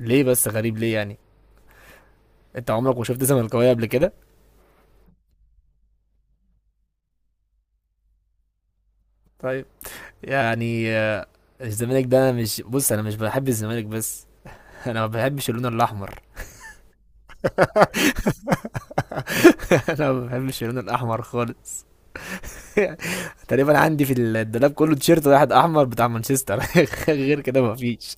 ليه بس غريب؟ ليه يعني؟ انت عمرك ما شفت زملكاويه قبل كده؟ طيب. يعني الزمالك ده أنا مش بص انا مش بحب الزمالك بس. انا ما بحبش اللون الاحمر. انا ما بحبش اللون الاحمر خالص. تقريبا عندي في الدولاب كله تيشيرت واحد احمر بتاع مانشستر، غير كده ما فيش.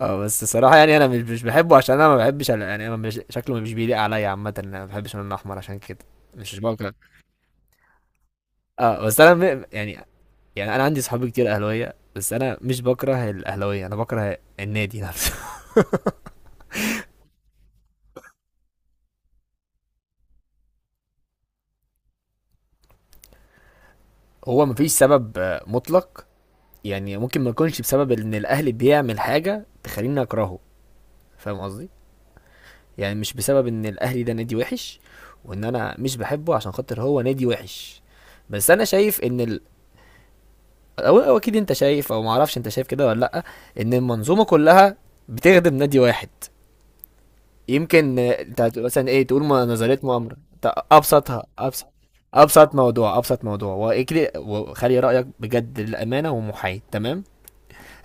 اه بس الصراحه، يعني انا مش بحبه، عشان انا ما بحبش يعني انا مش شكله مش بيليق عليا عامه. انا ما بحبش اللون الاحمر عشان كده. مش بكره. اه بس انا يعني. انا عندي صحابي كتير اهلاويه بس انا مش بكره الاهلاويه، انا بكره النادي نفسه. هو مفيش سبب مطلق. يعني ممكن ما يكونش بسبب ان الاهلي بيعمل حاجه تخليني اكرهه. فاهم قصدي؟ يعني مش بسبب ان الاهلي ده نادي وحش، وان انا مش بحبه عشان خاطر هو نادي وحش، بس انا شايف ان او اكيد انت شايف، او معرفش انت شايف كده ولا لا، ان المنظومه كلها بتخدم نادي واحد. يمكن انت مثلا ايه تقول نظرية مؤامرة. ت- ابسطها. ابسط ابسط موضوع واجري وخلي رايك بجد، للامانه ومحايد تمام.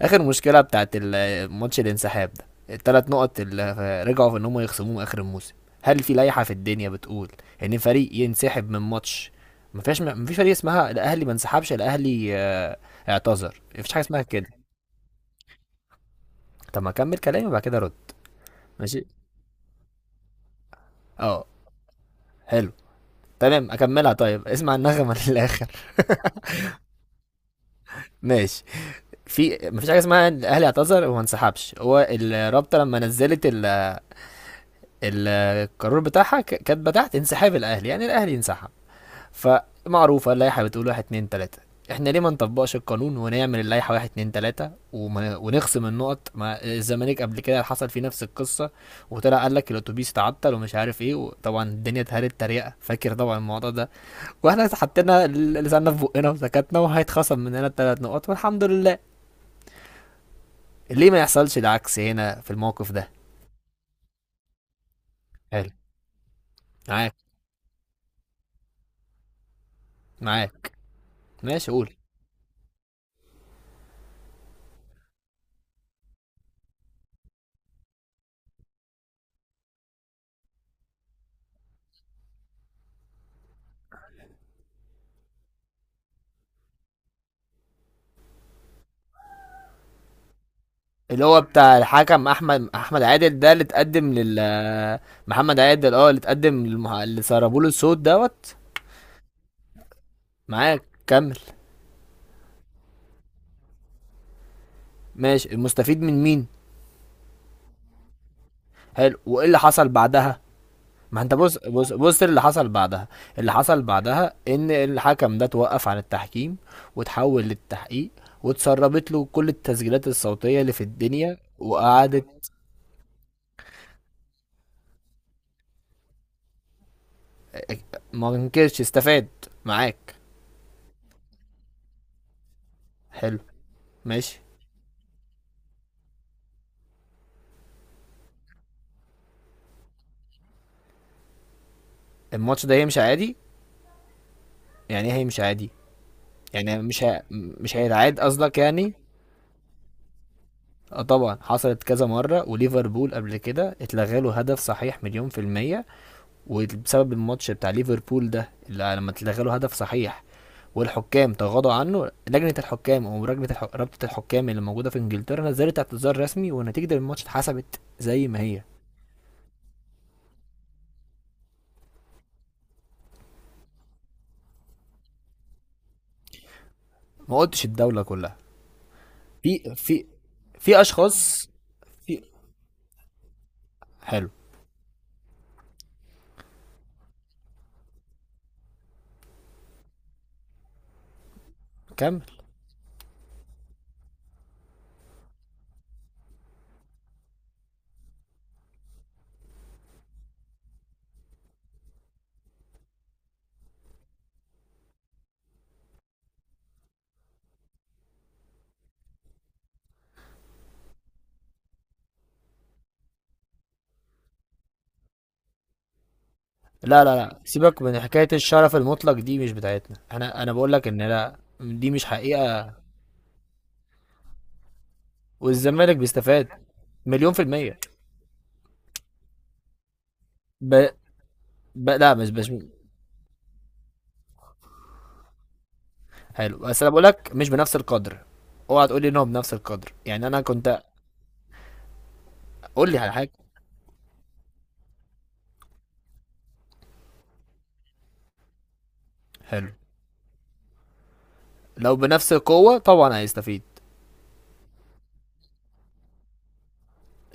اخر مشكله بتاعت ماتش الانسحاب ده، الثلاث نقط اللي رجعوا في ان هم يخصموهم اخر الموسم. هل في لائحه في الدنيا بتقول ان فريق ينسحب من ماتش؟ ما فيش فريق اسمها الاهلي ما انسحبش الاهلي اعتذر. مفيش حاجه اسمها كده. طب ما اكمل كلامي وبعد كده رد. ماشي. اه. حلو. تمام اكملها. طيب اسمع النغمه للاخر. ماشي. مفيش حاجه اسمها الاهلي اعتذر وما انسحبش، هو الرابطه لما نزلت القرار بتاعها كاتبه تحت انسحاب الاهلي، يعني الاهلي انسحب. فمعروفه اللائحه بتقول 1 2 3. احنا ليه ما نطبقش القانون ونعمل اللائحه 1 2 3 ونخصم النقط؟ ما الزمالك قبل كده حصل فيه نفس القصه، وطلع قال لك الاتوبيس اتعطل ومش عارف ايه، وطبعا الدنيا اتهرت تريقه، فاكر طبعا الموضوع ده. واحنا حطينا لساننا في بقنا وسكتنا، وهيتخصم مننا الثلاث نقط والحمد لله. ليه ما يحصلش العكس هنا في الموقف ده؟ حلو. معاك، معاك. ماشي قول. اللي هو بتاع الحكم احمد عادل، ده اللي اتقدم محمد عادل، اه، اللي اتقدم اللي سربوا له الصوت دوت. معاك، كمل. ماشي. المستفيد من مين؟ حلو. وايه اللي حصل بعدها؟ ما انت بص بص بص اللي حصل بعدها. اللي حصل بعدها ان الحكم ده توقف عن التحكيم وتحول للتحقيق، واتسربت له كل التسجيلات الصوتية اللي في الدنيا وقعدت. ما انكرش استفاد. معاك. حلو. ماشي. الماتش ده هيمشي عادي. يعني ايه هيمشي عادي؟ يعني مش هيتعاد قصدك يعني. اه طبعا، حصلت كذا مرة. وليفربول قبل كده اتلغى له هدف صحيح مليون في المية، وبسبب الماتش بتاع ليفربول ده اللي لما اتلغى له هدف صحيح والحكام تغاضوا عنه، لجنة الحكام أو رابطة الحكام اللي موجودة في إنجلترا نزلت اعتذار رسمي، ونتيجة الماتش اتحسبت زي ما هي. ما قلتش الدولة كلها. في في في أشخاص. في حلو، كمل. لا لا لا، سيبك من حكاية الشرف المطلق دي، مش بتاعتنا احنا. أنا بقول لك إن لا، دي مش حقيقة. والزمالك بيستفاد مليون في المية. ب... لا مش. حلو، بس أنا بقول لك مش بنفس القدر. اوعى تقول لي إن هو بنفس القدر، يعني أنا كنت. قول لي على حاجة. حلو. لو بنفس القوة طبعا هيستفيد.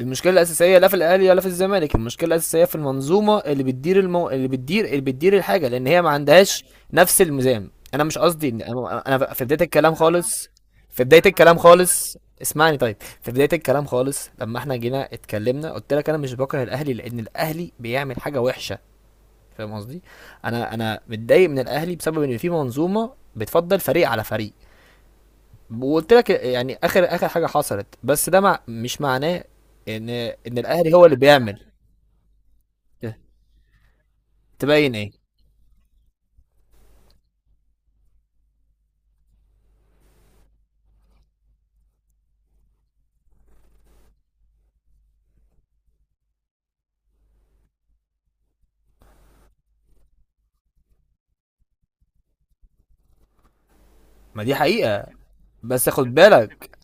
المشكلة الأساسية لا في الأهلي ولا في الزمالك، المشكلة الأساسية في المنظومة اللي بتدير اللي بتدير الحاجة، لأن هي ما عندهاش نفس الميزان. أنا مش قصدي إن أنا. في بداية الكلام خالص. في بداية الكلام خالص. اسمعني طيب. في بداية الكلام خالص، لما احنا جينا اتكلمنا قلت لك أنا مش بكره الأهلي لأن الأهلي بيعمل حاجة وحشة. فاهم قصدي؟ أنا متضايق من الأهلي بسبب إن في منظومة بتفضل فريق على فريق. وقلت لك يعني اخر اخر حاجه حصلت، بس ده مش معناه ان الاهلي هو اللي بيعمل. تبين ايه؟ ما دي حقيقه. بس خد بالك.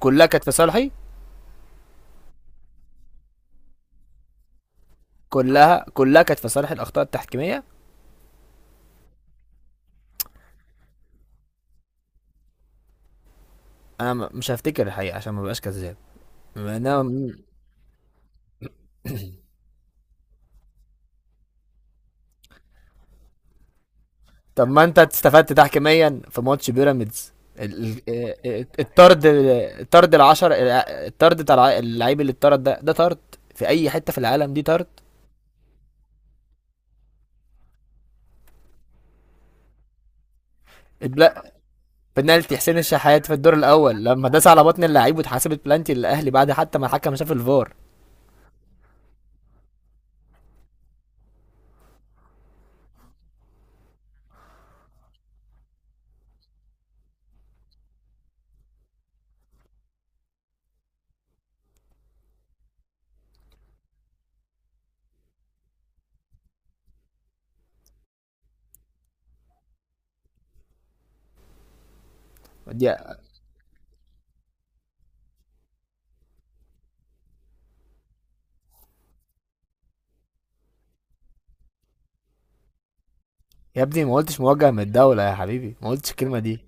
كلها كانت في صالحي. كلها كلها كانت في صالح الاخطاء التحكيميه. انا مش هفتكر الحقيقه عشان ما بقاش كذاب. انا. طب ما انت استفدت تحكيميا في ماتش بيراميدز. ال- الطرد. الطرد العشر. الطرد بتاع اللعيب اللي اتطرد ده، طرد في اي حته في العالم، دي طرد. بنالتي حسين الشحات في الدور الاول لما داس على بطن اللعيب، واتحسبت بلانتي للاهلي بعد حتى ما الحكم شاف الفار. دي. يا ابني ما قلتش موجه من الدوله يا حبيبي، ما قلتش الكلمه دي.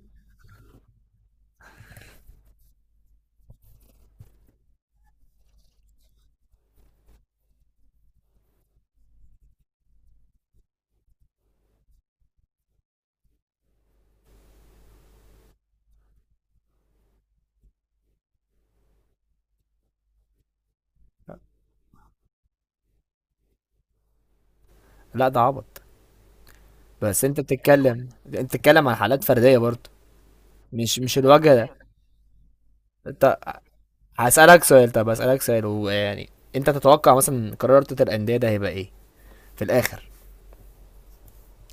لا ده عبط. بس انت بتتكلم، عن حالات فرديه برضه. مش الوجه ده. انت. هسالك سؤال. طب هسالك سؤال ويعني انت تتوقع مثلا قرار رابطه الانديه ده هيبقى ايه في الاخر؟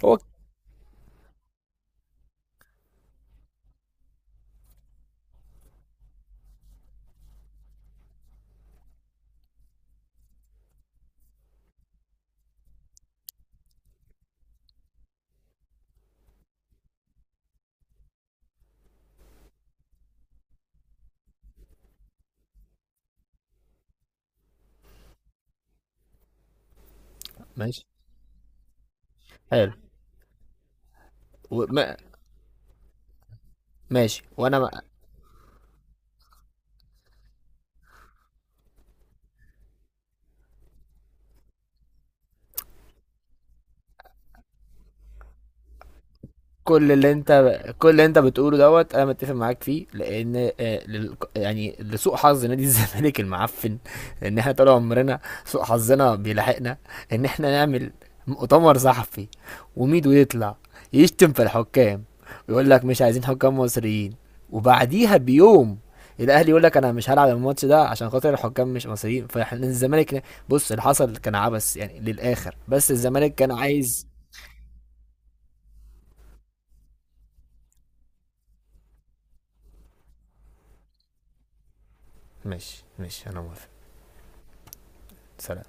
هو. ماشي. حلو. وما... ماشي. وانا كل اللي انت بتقوله دوت انا متفق معاك فيه، لان يعني لسوء حظ نادي الزمالك المعفن ان احنا طول عمرنا سوء حظنا بيلاحقنا، ان احنا نعمل مؤتمر صحفي وميدو يطلع يشتم في الحكام ويقول لك مش عايزين حكام مصريين، وبعديها بيوم الاهلي يقول لك انا مش هلعب الماتش ده عشان خاطر الحكام مش مصريين. فاحنا الزمالك، بص اللي حصل كان عبث يعني للاخر، بس الزمالك كان عايز. ماشي، ماشي، انا موافق. سلام.